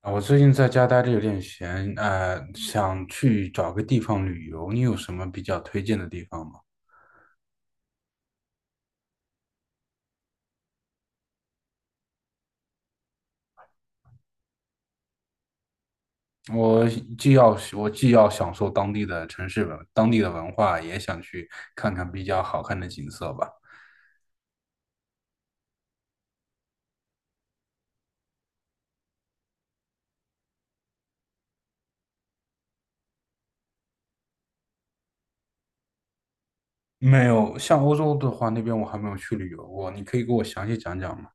啊，我最近在家待着有点闲，想去找个地方旅游，你有什么比较推荐的地方吗？我我既要享受当地的城市文，当地的文化，也想去看看比较好看的景色吧。没有，像欧洲的话，那边我还没有去旅游过，你可以给我详细讲讲吗？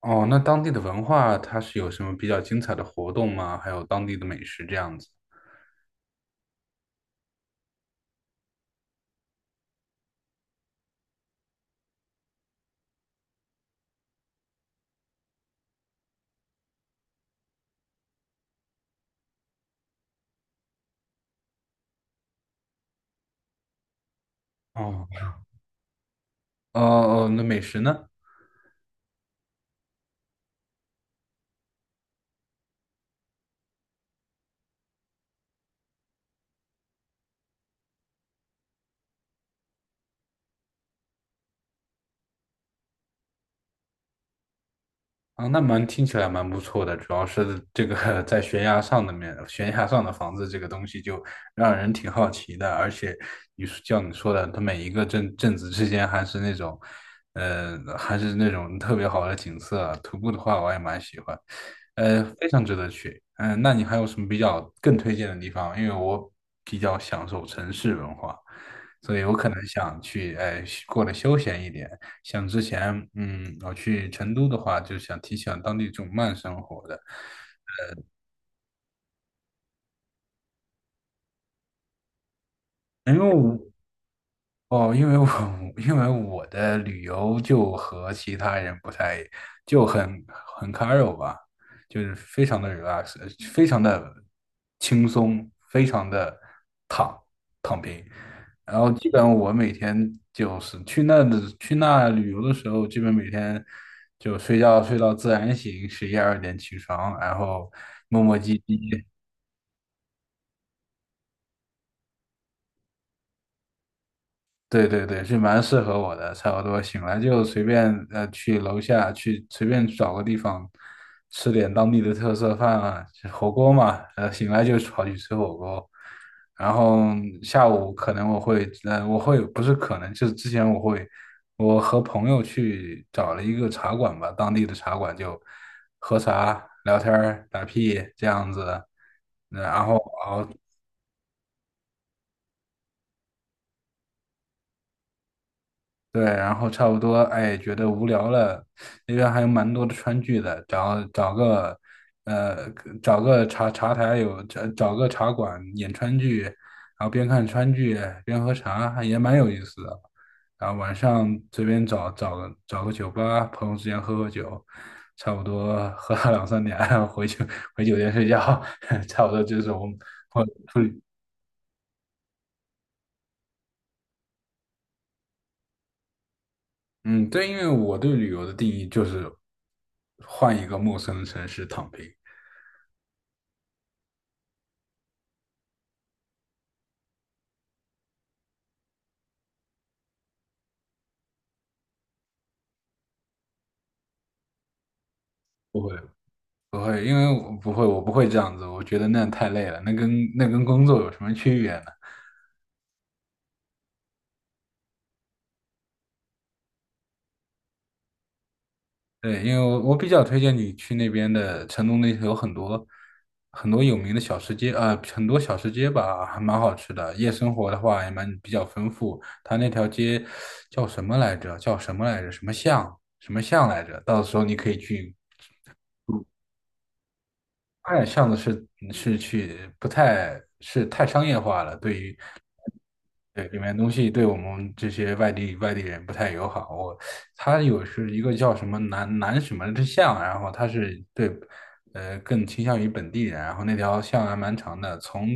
哦，那当地的文化它是有什么比较精彩的活动吗？还有当地的美食这样子。哦，那美食呢？啊，那蛮听起来蛮不错的，主要是这个 在悬崖上的面，悬崖上的房子这个东西就让人挺好奇的，而且你说像你说的，它每一个镇子之间还是那种，还是那种特别好的景色，徒步的话我也蛮喜欢。非常值得去。嗯、那你还有什么比较更推荐的地方？因为我比较享受城市文化，所以我可能想去，哎，过得休闲一点。像之前，嗯，我去成都的话，就想挺喜当地这种慢生活的。因为我哦，因为我 因为我的旅游就和其他人不太就很很 c a r u 吧，就是非常的 relax,非常的轻松，非常的躺躺平。然后基本我每天就是去那旅游的时候，基本每天就睡觉睡到自然醒，十一二点起床，然后磨磨唧唧，对对对，是蛮适合我的，差不多醒来就随便去楼下去随便找个地方吃点当地的特色饭啊，就火锅嘛，醒来就跑去吃火锅，然后下午可能我会呃我会不是可能就是之前我会我和朋友去找了一个茶馆吧，当地的茶馆就喝茶聊天儿打屁这样子，然后熬。对，然后差不多，哎，觉得无聊了，那边还有蛮多的川剧的，呃，找个茶茶台有找找个茶馆演川剧，然后边看川剧边喝茶，还也蛮有意思的。然后晚上随便找个酒吧，朋友之间喝喝酒，差不多喝到两三点，然后回酒店睡觉，差不多就是我们我出嗯，对，因为我对旅游的定义就是换一个陌生的城市躺平，不会不会，因为我不会这样子，我觉得那样太累了，那跟工作有什么区别呢？对，因为我比较推荐你去那边的成都，那头有很多很多有名的小吃街，很多小吃街吧，还蛮好吃的。夜生活的话也蛮比较丰富，它那条街叫什么来着？什么巷来着？到时候你可以去发巷子是是去不太是太商业化了，对于对里面东西对我们这些外地人不太友好。我它有是一个叫什么南什么之巷，然后他是更倾向于本地人，然后那条巷还蛮长的，从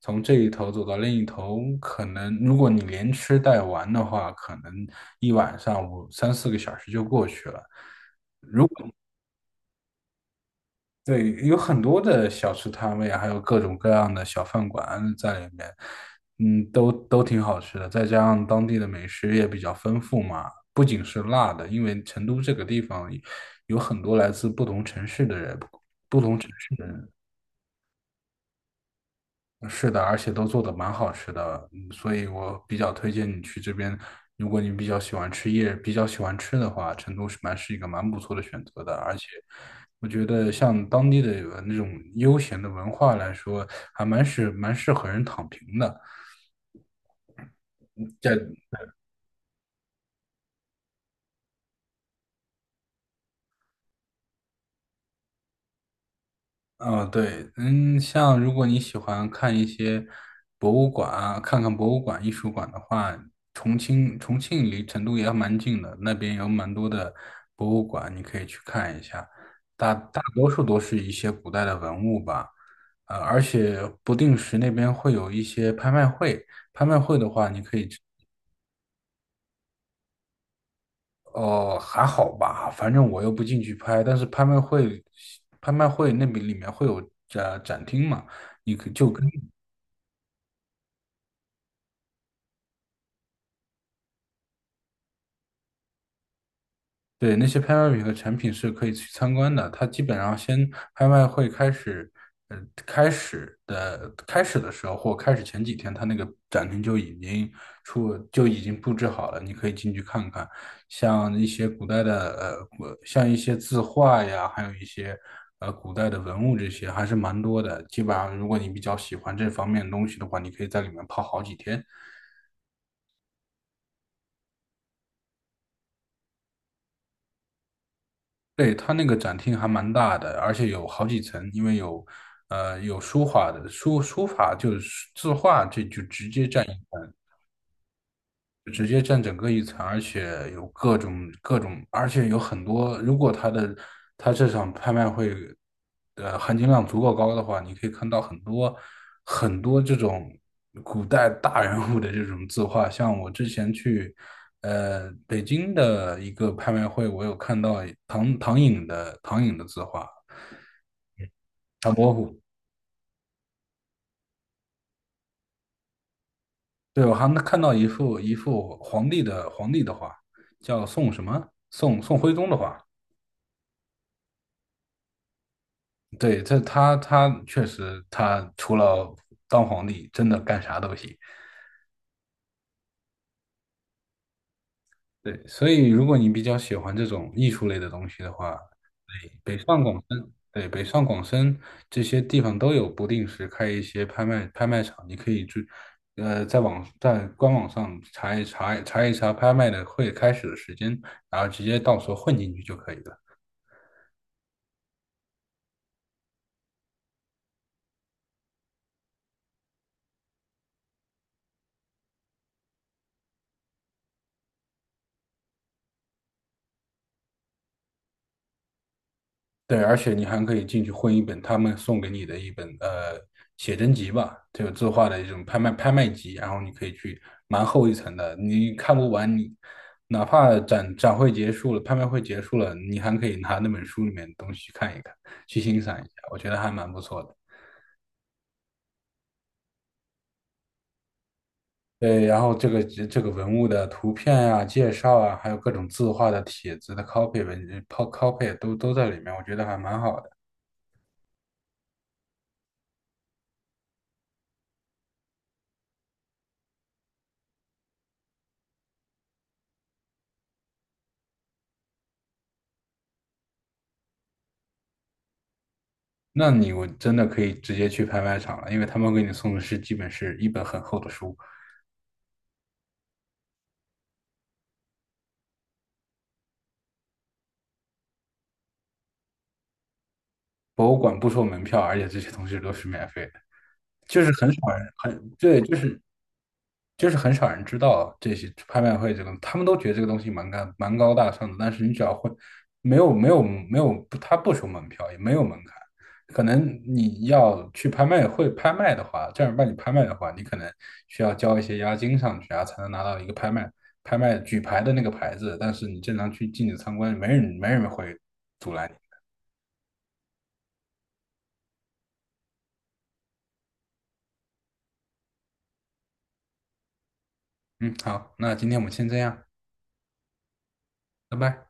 从这一头走到另一头，可能如果你连吃带玩的话，可能一晚上三四个小时就过去了。对，有很多的小吃摊位啊，还有各种各样的小饭馆在里面，嗯，都挺好吃的。再加上当地的美食也比较丰富嘛，不仅是辣的，因为成都这个地方有很多来自不同城市的人，不同城市的人。是的，而且都做的蛮好吃的，嗯所以我比较推荐你去这边。如果你比较喜欢吃夜，比较喜欢吃的话，成都是一个蛮不错的选择的。而且，我觉得像当地的那种悠闲的文化来说，还蛮适合人躺平的。在哦，对，嗯，像如果你喜欢看一些博物馆啊，看看博物馆、艺术馆的话，重庆离成都也蛮近的，那边有蛮多的博物馆，你可以去看一下。大大多数都是一些古代的文物吧，而且不定时那边会有一些拍卖会，拍卖会的话，你可以去哦，还好吧，反正我又不进去拍，但是拍卖会，拍卖会那边里面会有展厅嘛。你可就跟对，那些拍卖品和产品是可以去参观的。它基本上先拍卖会开始，呃，开始的时候或开始前几天，它那个展厅就已经出就已经布置好了，你可以进去看看。像一些古代的像一些字画呀，还有一些古代的文物这些，还是蛮多的。基本上，如果你比较喜欢这方面的东西的话，你可以在里面泡好几天。对，它那个展厅还蛮大的，而且有好几层，因为有，有书法就是字画，这就直接占。直接占整个一层，而且有各种各种，而且有很多。如果他的他这场拍卖会，的含金量足够高的话，你可以看到很多很多这种古代大人物的这种字画。像我之前去北京的一个拍卖会，我有看到唐寅的唐寅的字画，唐伯虎。对，我还能看到一幅皇帝的皇帝的画，叫宋什么？宋徽宗的画。对，他他确实，他除了当皇帝，真的干啥都行。对，所以如果你比较喜欢这种艺术类的东西的话，北上广深，对，北上广深这些地方都有不定时开一些拍卖场，你可以去，在官网上查一查拍卖的会开始的时间，然后直接到时候混进去就可以了。对，而且你还可以进去混一本他们送给你的一本写真集吧，这个字画的一种拍卖集，然后你可以去蛮厚一层的，你看不完你，哪怕展会结束了，拍卖会结束了，你还可以拿那本书里面的东西去看一看，去欣赏一下，我觉得还蛮不错的。对，然后这个文物的图片啊、介绍啊，还有各种字画的帖子的 copy 文 copy 都在里面，我觉得还蛮好的。那你我真的可以直接去拍卖场了，因为他们给你送的是基本是一本很厚的书，博物馆不收门票，而且这些东西都是免费的，就是很少人很对，就是很少人知道这些拍卖会这个，他们都觉得这个东西蛮高大上的，但是你只要会，没有，他不收门票，也没有门槛。可能你要去拍卖会拍卖的话，正儿八经拍卖的话，你可能需要交一些押金上去啊，才能拿到一个拍卖举牌的那个牌子。但是你正常去进去参观，没人会阻拦你。嗯，好，那今天我们先这样，拜拜。